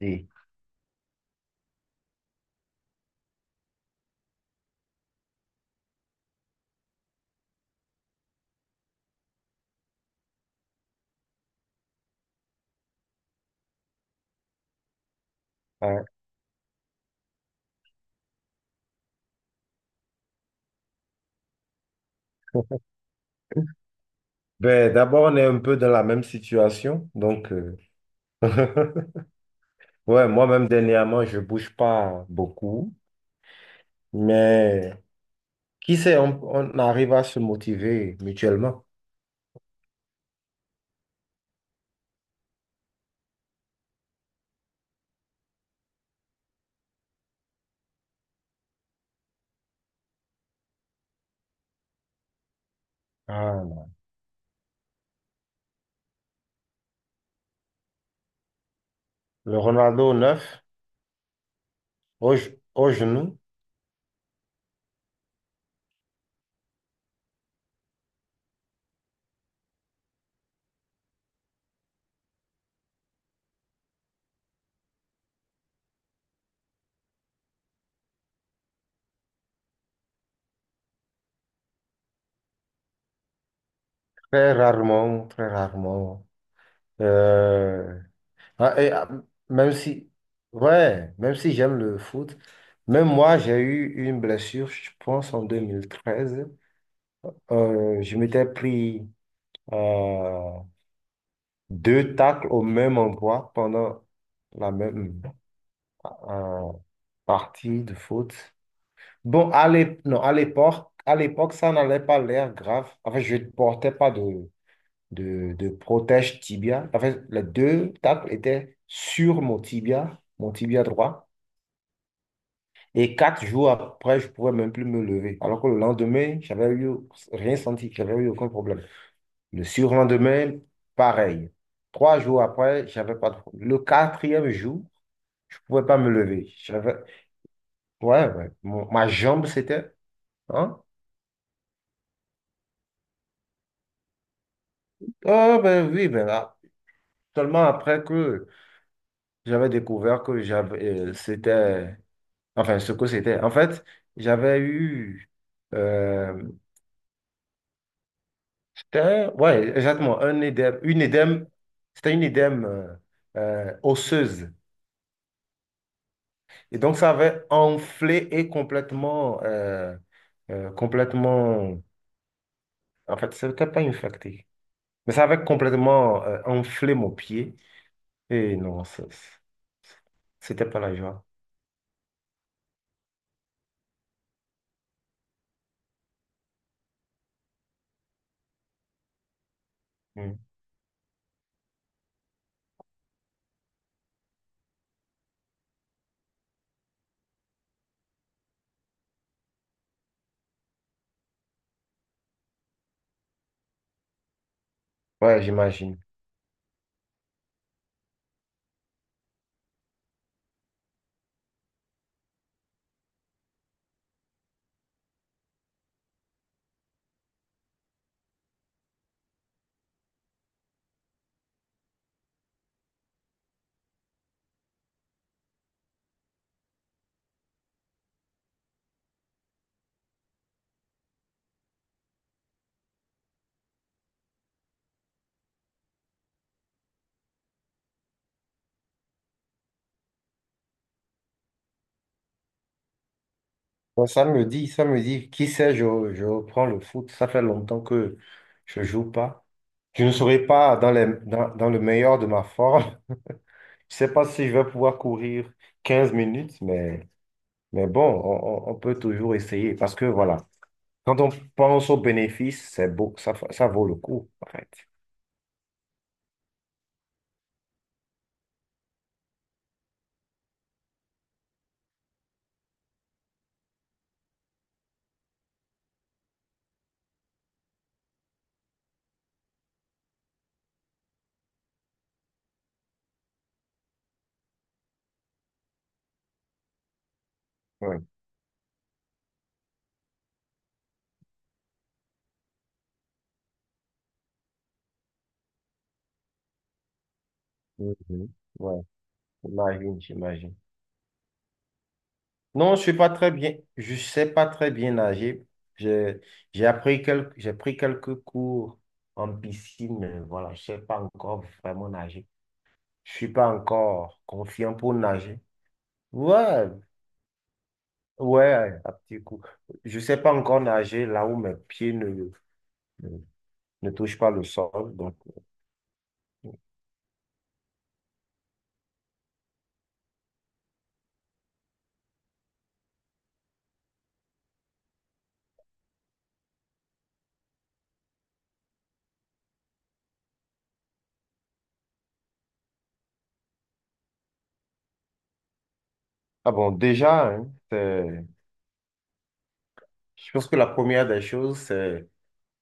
Oui. Ouais. Ben, d'abord, on est un peu dans la même situation. Donc, ouais, moi-même, dernièrement, je bouge pas beaucoup. Mais qui sait, on arrive à se motiver mutuellement. Ah, non. Le Ronaldo neuf, au genou. Très rarement, très rarement. Euh, ah, et, ah, même si, ouais, même si j'aime le foot, même moi, j'ai eu une blessure, je pense, en 2013. Je m'étais pris euh, deux tacles au même endroit pendant la même euh, partie de foot. Bon, à l'ép- non, à l'époque, ça n'allait pas l'air grave. Enfin, je ne portais pas de protège tibia. Enfin, les deux tacles étaient sur mon tibia droit. Et quatre jours après, je ne pouvais même plus me lever. Alors que le lendemain, j'avais eu rien senti, j'avais eu aucun problème. Le surlendemain, pareil. Trois jours après, j'avais pas de problème. Le quatrième jour, je pouvais pas me lever. J'avais, ouais, ouais. Ma jambe, c'était, hein? Oh, ben oui, ben là. Seulement après que j'avais découvert que j'avais, c'était, enfin, ce que c'était. En fait, j'avais eu, euh, c'était, ouais, exactement, un édème, une édème, c'était une édème osseuse. Et donc, ça avait enflé et complètement, euh, complètement, en fait, c'était pas infecté. Mais ça avait complètement enflé mon pied. Et non, c'était pas la joie. Mm. Ouais, j'imagine. Bon, ça me dit, qui sait, je reprends le foot. Ça fait longtemps que je joue pas. Je ne serai pas dans le meilleur de ma forme. Je sais pas si je vais pouvoir courir 15 minutes, mais, mais bon, on peut toujours essayer parce que voilà. Quand on pense aux bénéfices, c'est beau, ça vaut le coup, en fait. Ouais. Mhm. Ouais, j'imagine, j'imagine. Non, je sais pas très bien nager. J'ai, j'ai appris quelques, j'ai pris quelques cours en piscine, mais voilà, je sais pas encore vraiment nager. Je suis pas encore confiant pour nager. Ouais, ouais, à petit coup. Je sais pas encore nager là où mes pieds ne, ne touchent pas le sol, donc. Bon. Ah bon, déjà, hein, je pense que la première des choses, c'est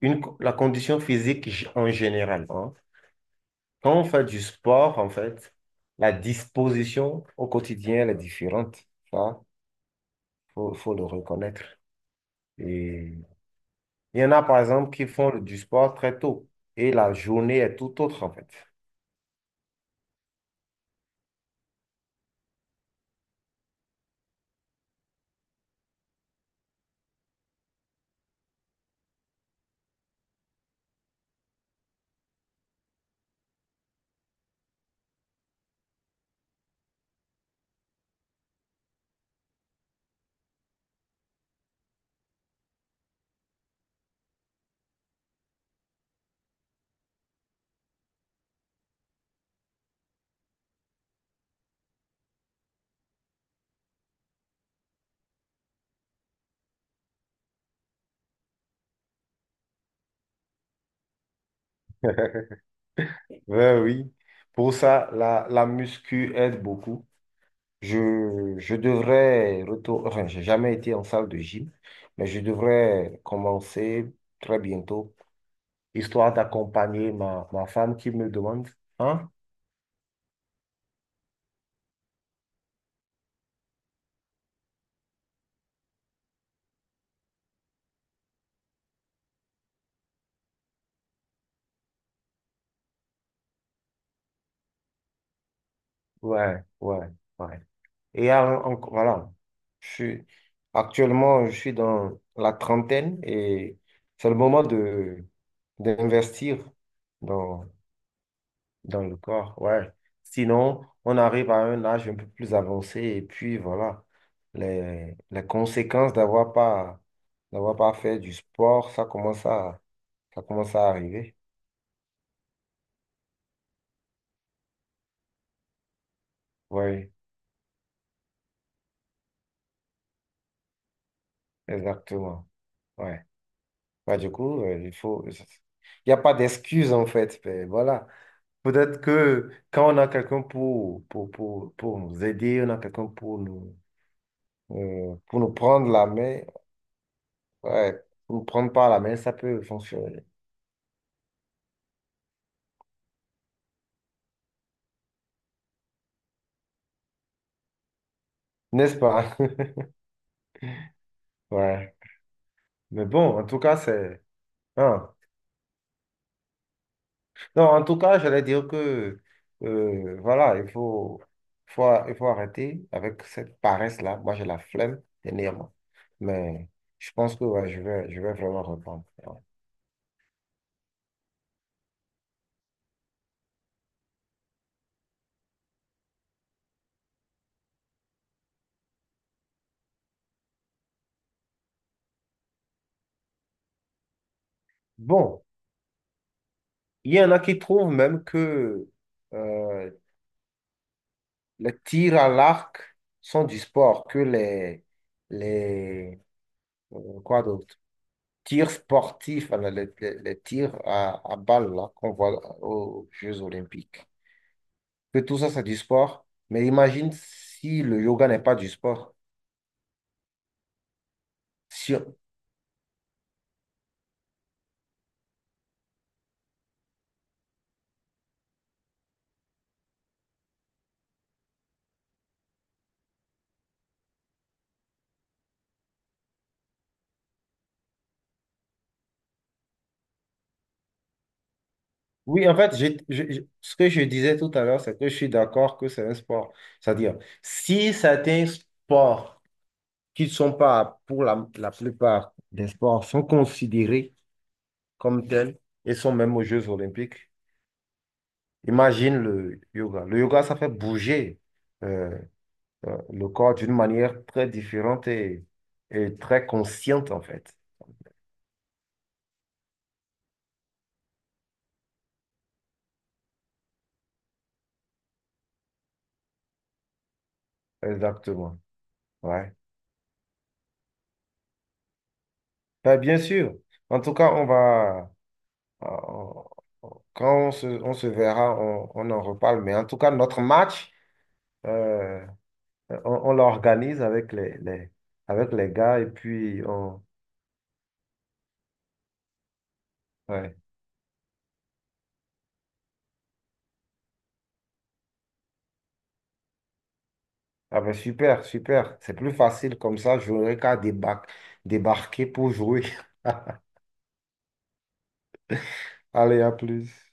la condition physique en général. Hein. Quand on fait du sport, en fait, la disposition au quotidien, elle est différente. Ça, faut le reconnaître. Il y en a, par exemple, qui font du sport très tôt et la journée est tout autre, en fait. Ouais, oui. Pour ça, la muscu aide beaucoup. Je devrais retourner, enfin, j'ai jamais été en salle de gym, mais je devrais commencer très bientôt, histoire d'accompagner ma femme qui me demande. Hein? Ouais, ouais, ouais. Et alors, voilà, je suis, actuellement, je suis dans la trentaine et c'est le moment de d'investir dans, dans le corps. Ouais. Sinon, on arrive à un âge un peu plus avancé et puis voilà, les conséquences d'avoir pas fait du sport, ça commence à arriver. Oui, exactement. Ouais. Bah, du coup, il n'y a pas d'excuse, en fait. Ben, voilà. Peut-être que quand on a quelqu'un pour nous aider, on a quelqu'un pour nous prendre la main, ouais, pour nous prendre par la main, ça peut fonctionner, n'est-ce pas? Ouais. Mais bon, en tout cas, c'est, hein. Non, en tout cas, j'allais dire que, voilà, il faut arrêter avec cette paresse-là. Moi, j'ai la flemme, dernièrement. Mais je pense que ouais, je vais vraiment reprendre. Ouais. Bon, il y en a qui trouvent même que euh, les tirs à l'arc sont du sport, que les, les quoi d'autre? Tirs sportifs, voilà, les tirs à balles là, qu'on voit aux Jeux olympiques. Que tout ça, c'est du sport. Mais imagine si le yoga n'est pas du sport. Si Oui, en fait, ce que je disais tout à l'heure, c'est que je suis d'accord que c'est un sport. C'est-à-dire, si certains sports qui ne sont pas pour la plupart des sports sont considérés comme tels et sont même aux Jeux olympiques. Imagine le yoga. Le yoga, ça fait bouger euh, le corps d'une manière très différente et très consciente, en fait. Exactement. Ouais. Ben, bien sûr. En tout cas, on va... on- on- quand on se verra, on en reparle. Mais en tout cas, notre match, euh, on l'organise avec les, avec les gars et puis ouais. Ah ben super, super. C'est plus facile comme ça. J'aurais qu'à débarquer pour jouer. Allez, à plus.